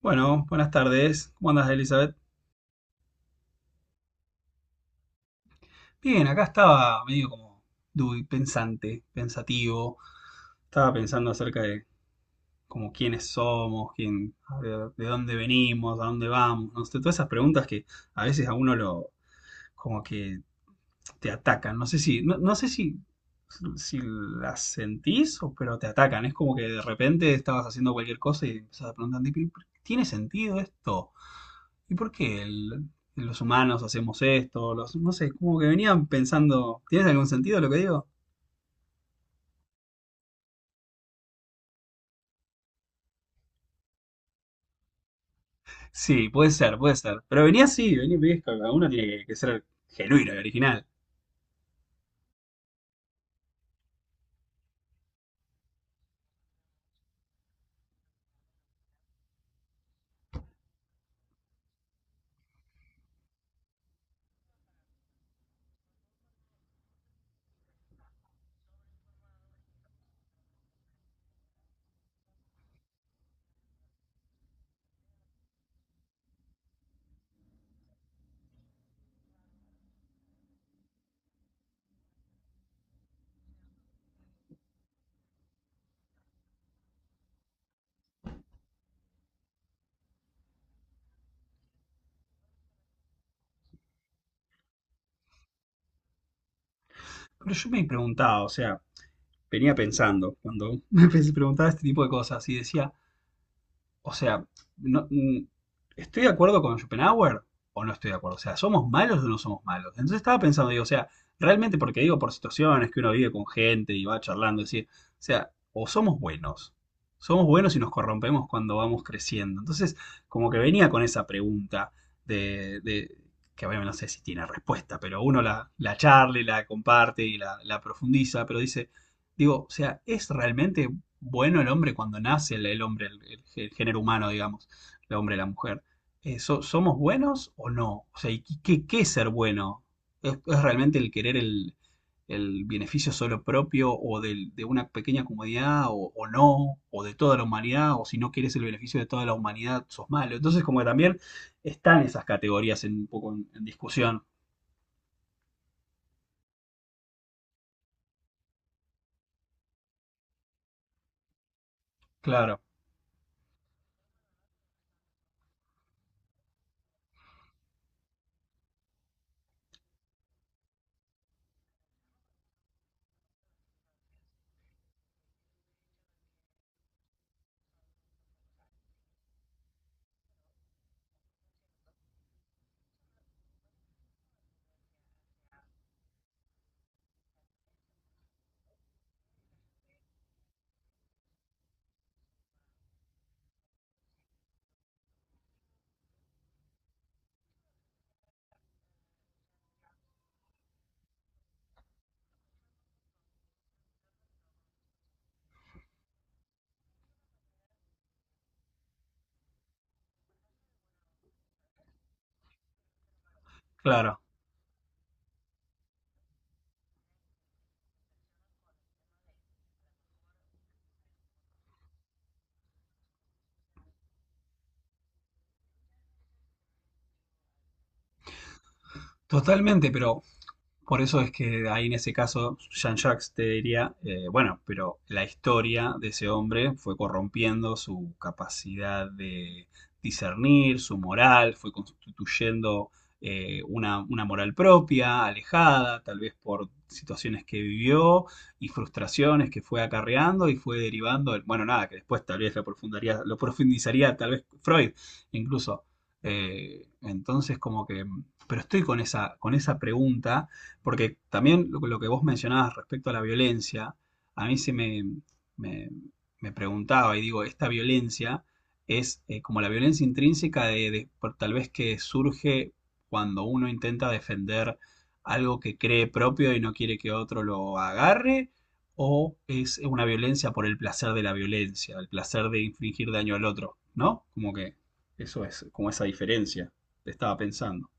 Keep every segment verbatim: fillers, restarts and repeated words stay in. Bueno, buenas tardes. ¿Cómo andas, Elizabeth? Bien, acá estaba medio como duy, pensante, pensativo. Estaba pensando acerca de como quiénes somos, quién, de, de dónde venimos, a dónde vamos, no sé, todas esas preguntas que a veces a uno lo como que te atacan. No sé si, no, no sé si, si las sentís o pero te atacan. Es como que de repente estabas haciendo cualquier cosa y empezás a preguntarte, "¿Pero- pero ¿tiene sentido esto? ¿y por qué el- ¿Los humanos hacemos esto? Los, no sé, como que venían pensando, ¿tienes algún sentido lo que digo? Sí, puede ser, puede ser. Pero venía así, venía, ves, cada uno tiene que, que ser genuino y original. Pero yo me preguntaba, o sea, venía pensando, cuando me preguntaba este tipo de cosas y decía, o sea, no- mm, ¿estoy de acuerdo con Schopenhauer o no estoy de acuerdo? O sea, ¿somos malos o no somos malos? Entonces estaba pensando, digo, o sea, realmente porque digo por situaciones que uno vive con gente y va charlando, decir, o sea, o somos buenos, somos buenos y nos corrompemos cuando vamos creciendo. Entonces, como que venía con esa pregunta de, de- que obviamente no sé si tiene respuesta, pero uno la, la charla y la comparte y la, la profundiza, pero dice, digo, o sea, ¿es realmente bueno el hombre cuando nace el, el hombre, el, el gé- género humano, digamos, el hombre, y la mujer? Eh, so- ¿somos buenos o no? O sea, ¿y qué, qué es ser bueno? ¿Es, es realmente el querer el, el beneficio solo propio o del- de una pequeña comunidad o, o no? ¿O de toda la humanidad? ¿O si no quieres el beneficio de toda la humanidad, sos malo? Entonces, como que también están esas categorías en, un poco en en discusión. Claro, claro. Totalmente, pero por eso es que ahí en ese caso Jean-Jacques te diría, eh, bueno, pero la historia de ese hombre fue corrompiendo su capacidad de discernir, su moral, fue constituyendo eh, una, una moral propia, alejada, tal vez por situaciones que vivió y frustraciones que fue acarreando y fue derivando, en- bueno, nada, que después tal vez lo profundaría- lo profundizaría tal vez Freud incluso. Eh, entonces como que, pero estoy con esa, con esa pregunta porque también lo, lo que vos mencionabas respecto a la violencia, a mí se me, me- me preguntaba y digo, esta violencia es eh, como la violencia intrínseca de, de- por- tal vez que surge cuando uno intenta defender algo que cree propio y no quiere que otro lo agarre, o es una violencia por el placer de la violencia, el placer de infligir daño al otro, ¿no? Como que eso es, como esa diferencia, estaba pensando.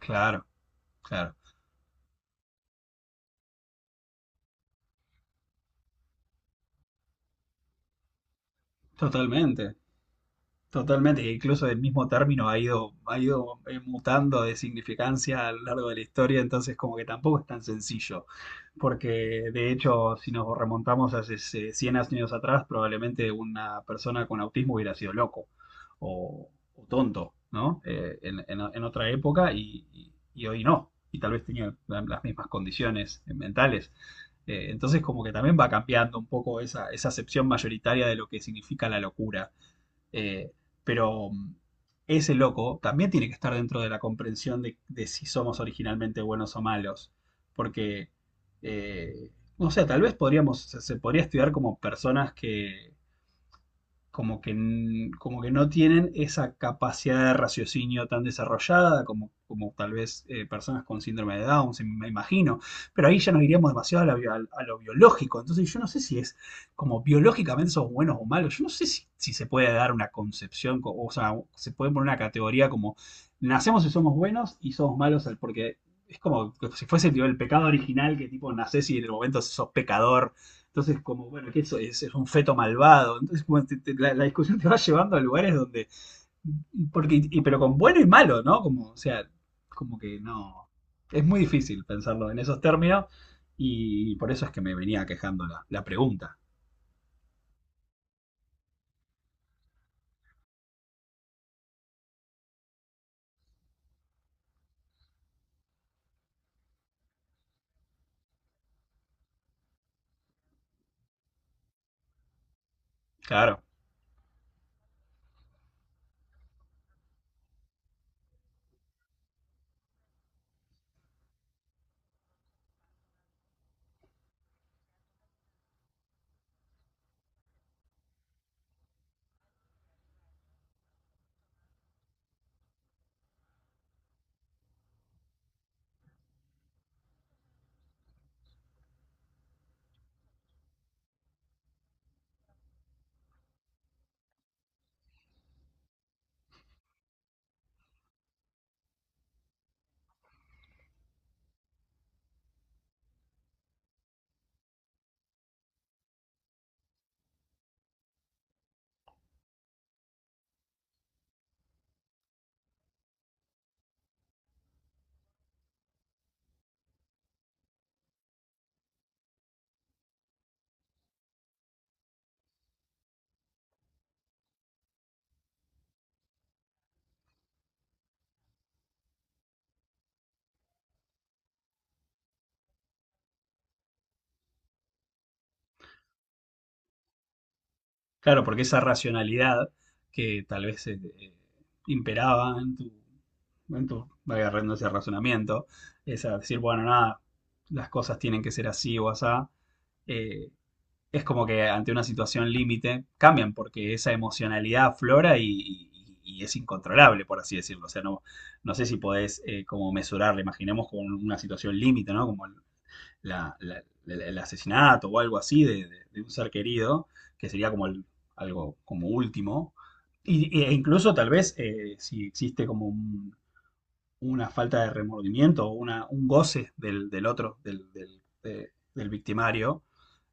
Claro, claro, totalmente. Totalmente, que incluso el mismo término ha ido, ha ido eh, mutando de significancia a lo largo de la historia, entonces como que tampoco es tan sencillo, porque de hecho si nos remontamos hace eh, cien años atrás, probablemente una persona con autismo hubiera sido loco o, o tonto, ¿no? Eh, en, en- en otra época y, y- y hoy no, y tal vez tenía la- las mismas condiciones eh, mentales. Eh, entonces como que también va cambiando un poco esa, esa acepción mayoritaria de lo que significa la locura, eh, pero mm, ese loco también tiene que estar dentro de la comprensión de, de si somos originalmente buenos o malos. Porque, eh, no sé, tal vez podríamos, se, se podría estudiar como personas que, como que, n- como que no tienen esa capacidad de raciocinio tan desarrollada como, como tal vez eh, personas con síndrome de Down, se- me imagino. Pero ahí ya nos iríamos demasiado a, la bio- a lo biológico. Entonces yo no sé si es como biológicamente sos buenos o malos. Yo no sé si, si se puede dar una concepción, co- o sea, se puede poner una categoría como nacemos y somos buenos y somos malos al- porque... Es como que si fuese tipo, el pecado original, que tipo nacés y en el momento sos pecador entonces, como, bueno, que eso es, es un feto malvado. Entonces, como te- te- la, la discusión te va llevando a lugares donde. Porque, y- pero con bueno y malo, ¿no? Como, o sea, como que no. Es muy difícil pensarlo en esos términos. Y por eso es que me venía quejando la, la pregunta. Claro, claro, porque esa racionalidad que tal vez eh, eh, imperaba en tu. En tu, valga la redundancia, razonamiento. Esa, decir, bueno, nada, las cosas tienen que ser así o asá. eh, es como que ante una situación límite cambian porque esa emocionalidad aflora y, y- y es incontrolable, por así decirlo. O sea, no, no sé si podés eh, como mesurarla, imaginemos con una situación límite, ¿no? Como el, la- la- el- el asesinato o algo así de, de- de un ser querido, que sería como el- algo como último. Y, e incluso tal vez eh, si existe como un- una falta de remordimiento o una, un goce del, del otro, del, del, de- del victimario,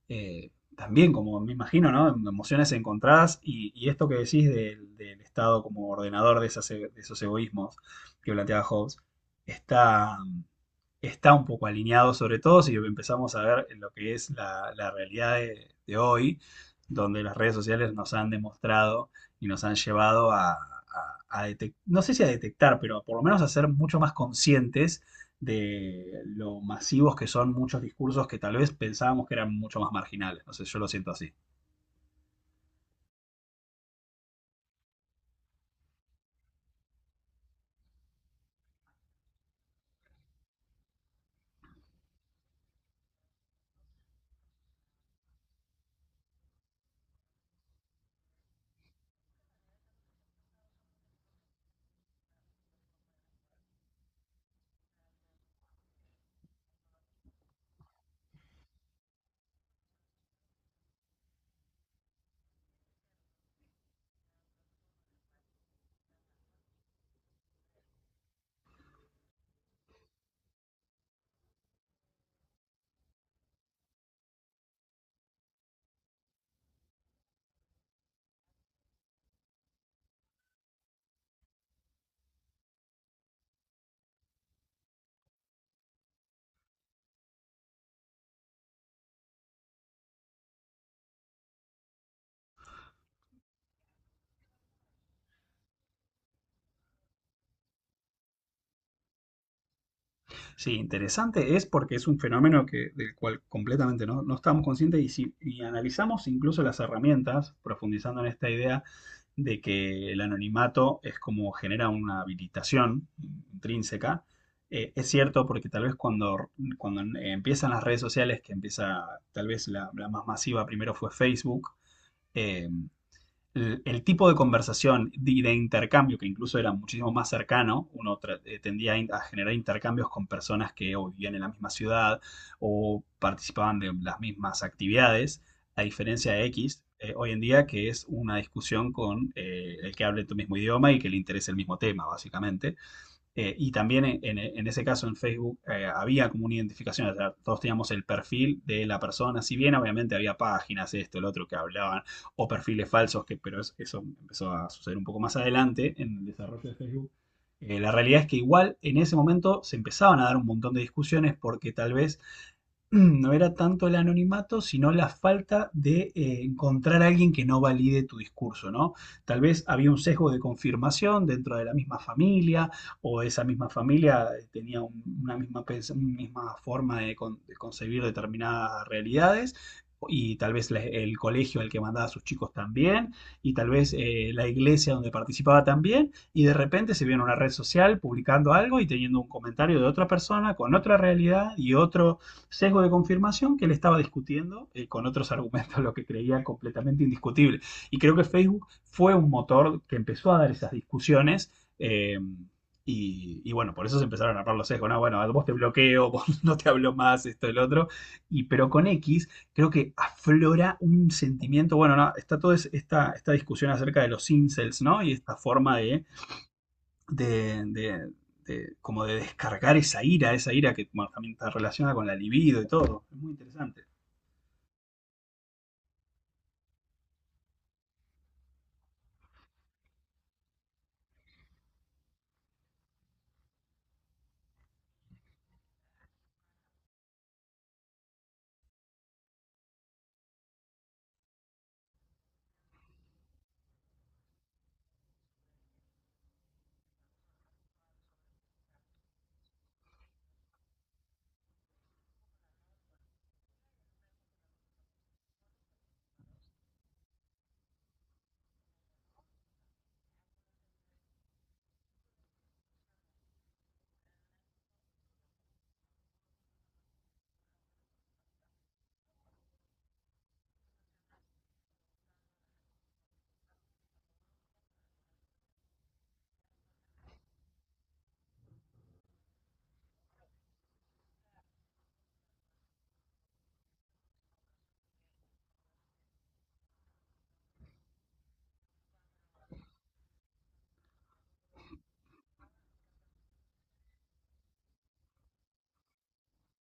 eh, también, como me imagino, ¿no? Emociones encontradas y, y esto que decís del, del Estado como ordenador de, esas, e- de, esos egoísmos que planteaba Hobbes, está, está un poco alineado, sobre todo si empezamos a ver lo que es la, la realidad de, de hoy, donde las redes sociales nos han demostrado y nos han llevado a, a, a detec- no sé si a detectar, pero por lo menos a ser mucho más conscientes de lo masivos que son muchos discursos que tal vez pensábamos que eran mucho más marginales. No sé, yo lo siento así. Sí, interesante es porque es un fenómeno que, del cual completamente no, no estamos conscientes y si y analizamos incluso las herramientas, profundizando en esta idea de que el anonimato es como genera una habilitación intrínseca, eh, es cierto porque tal vez cuando, cuando empiezan las redes sociales, que empieza tal vez la, la más masiva primero fue Facebook, eh, el, el tipo de conversación y de, de, intercambio, que incluso era muchísimo más cercano, uno tra- eh, tendía a, in- a generar intercambios con personas que o vivían en la misma ciudad o participaban de las mismas actividades, a diferencia de X, eh, hoy en día, que es una discusión con eh, el que hable tu mismo idioma y que le interese el mismo tema, básicamente. Eh, y también en, en- en ese caso en Facebook eh, había como una identificación, o sea, todos teníamos el perfil de la persona, si bien obviamente había páginas, esto, el otro que hablaban, o perfiles falsos, que, pero es- eso empezó a suceder un poco más adelante en el desarrollo de Facebook. Eh, la realidad es que igual en ese momento se empezaban a dar un montón de discusiones porque tal vez no era tanto el anonimato, sino la falta de eh, encontrar a alguien que no valide tu discurso, ¿no? Tal vez había un sesgo de confirmación dentro de la misma familia, o esa misma familia eh, tenía un- una misma, pens- una misma forma de, con- de concebir determinadas realidades. Y tal vez la- el colegio al que mandaba a sus chicos también, y tal vez eh, la iglesia donde participaba también, y de repente se vio en una red social publicando algo y teniendo un comentario de otra persona con otra realidad y otro, sesgo de confirmación que él estaba discutiendo eh, con otros argumentos, lo que creía completamente indiscutible. Y creo que Facebook fue un motor que empezó a dar esas discusiones. eh, y, y bueno, por eso se empezaron a armar los sesgos. No, bueno, vos te bloqueo, vos no te hablo más, esto, el otro. Y pero con X creo que aflora un sentimiento. Bueno, no, está toda esta, esta discusión acerca de los incels, ¿no? Y esta forma de de, de, de- como de descargar esa ira, esa ira que bueno, también está relacionada con la libido y todo. Es muy interesante.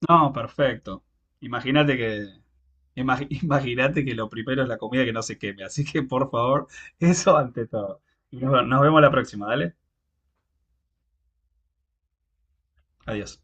No, perfecto. Imagínate que imag- imagínate que lo primero es la comida que no se queme, así que por favor, eso ante todo. Y nos nos vemos la próxima, dale. Adiós.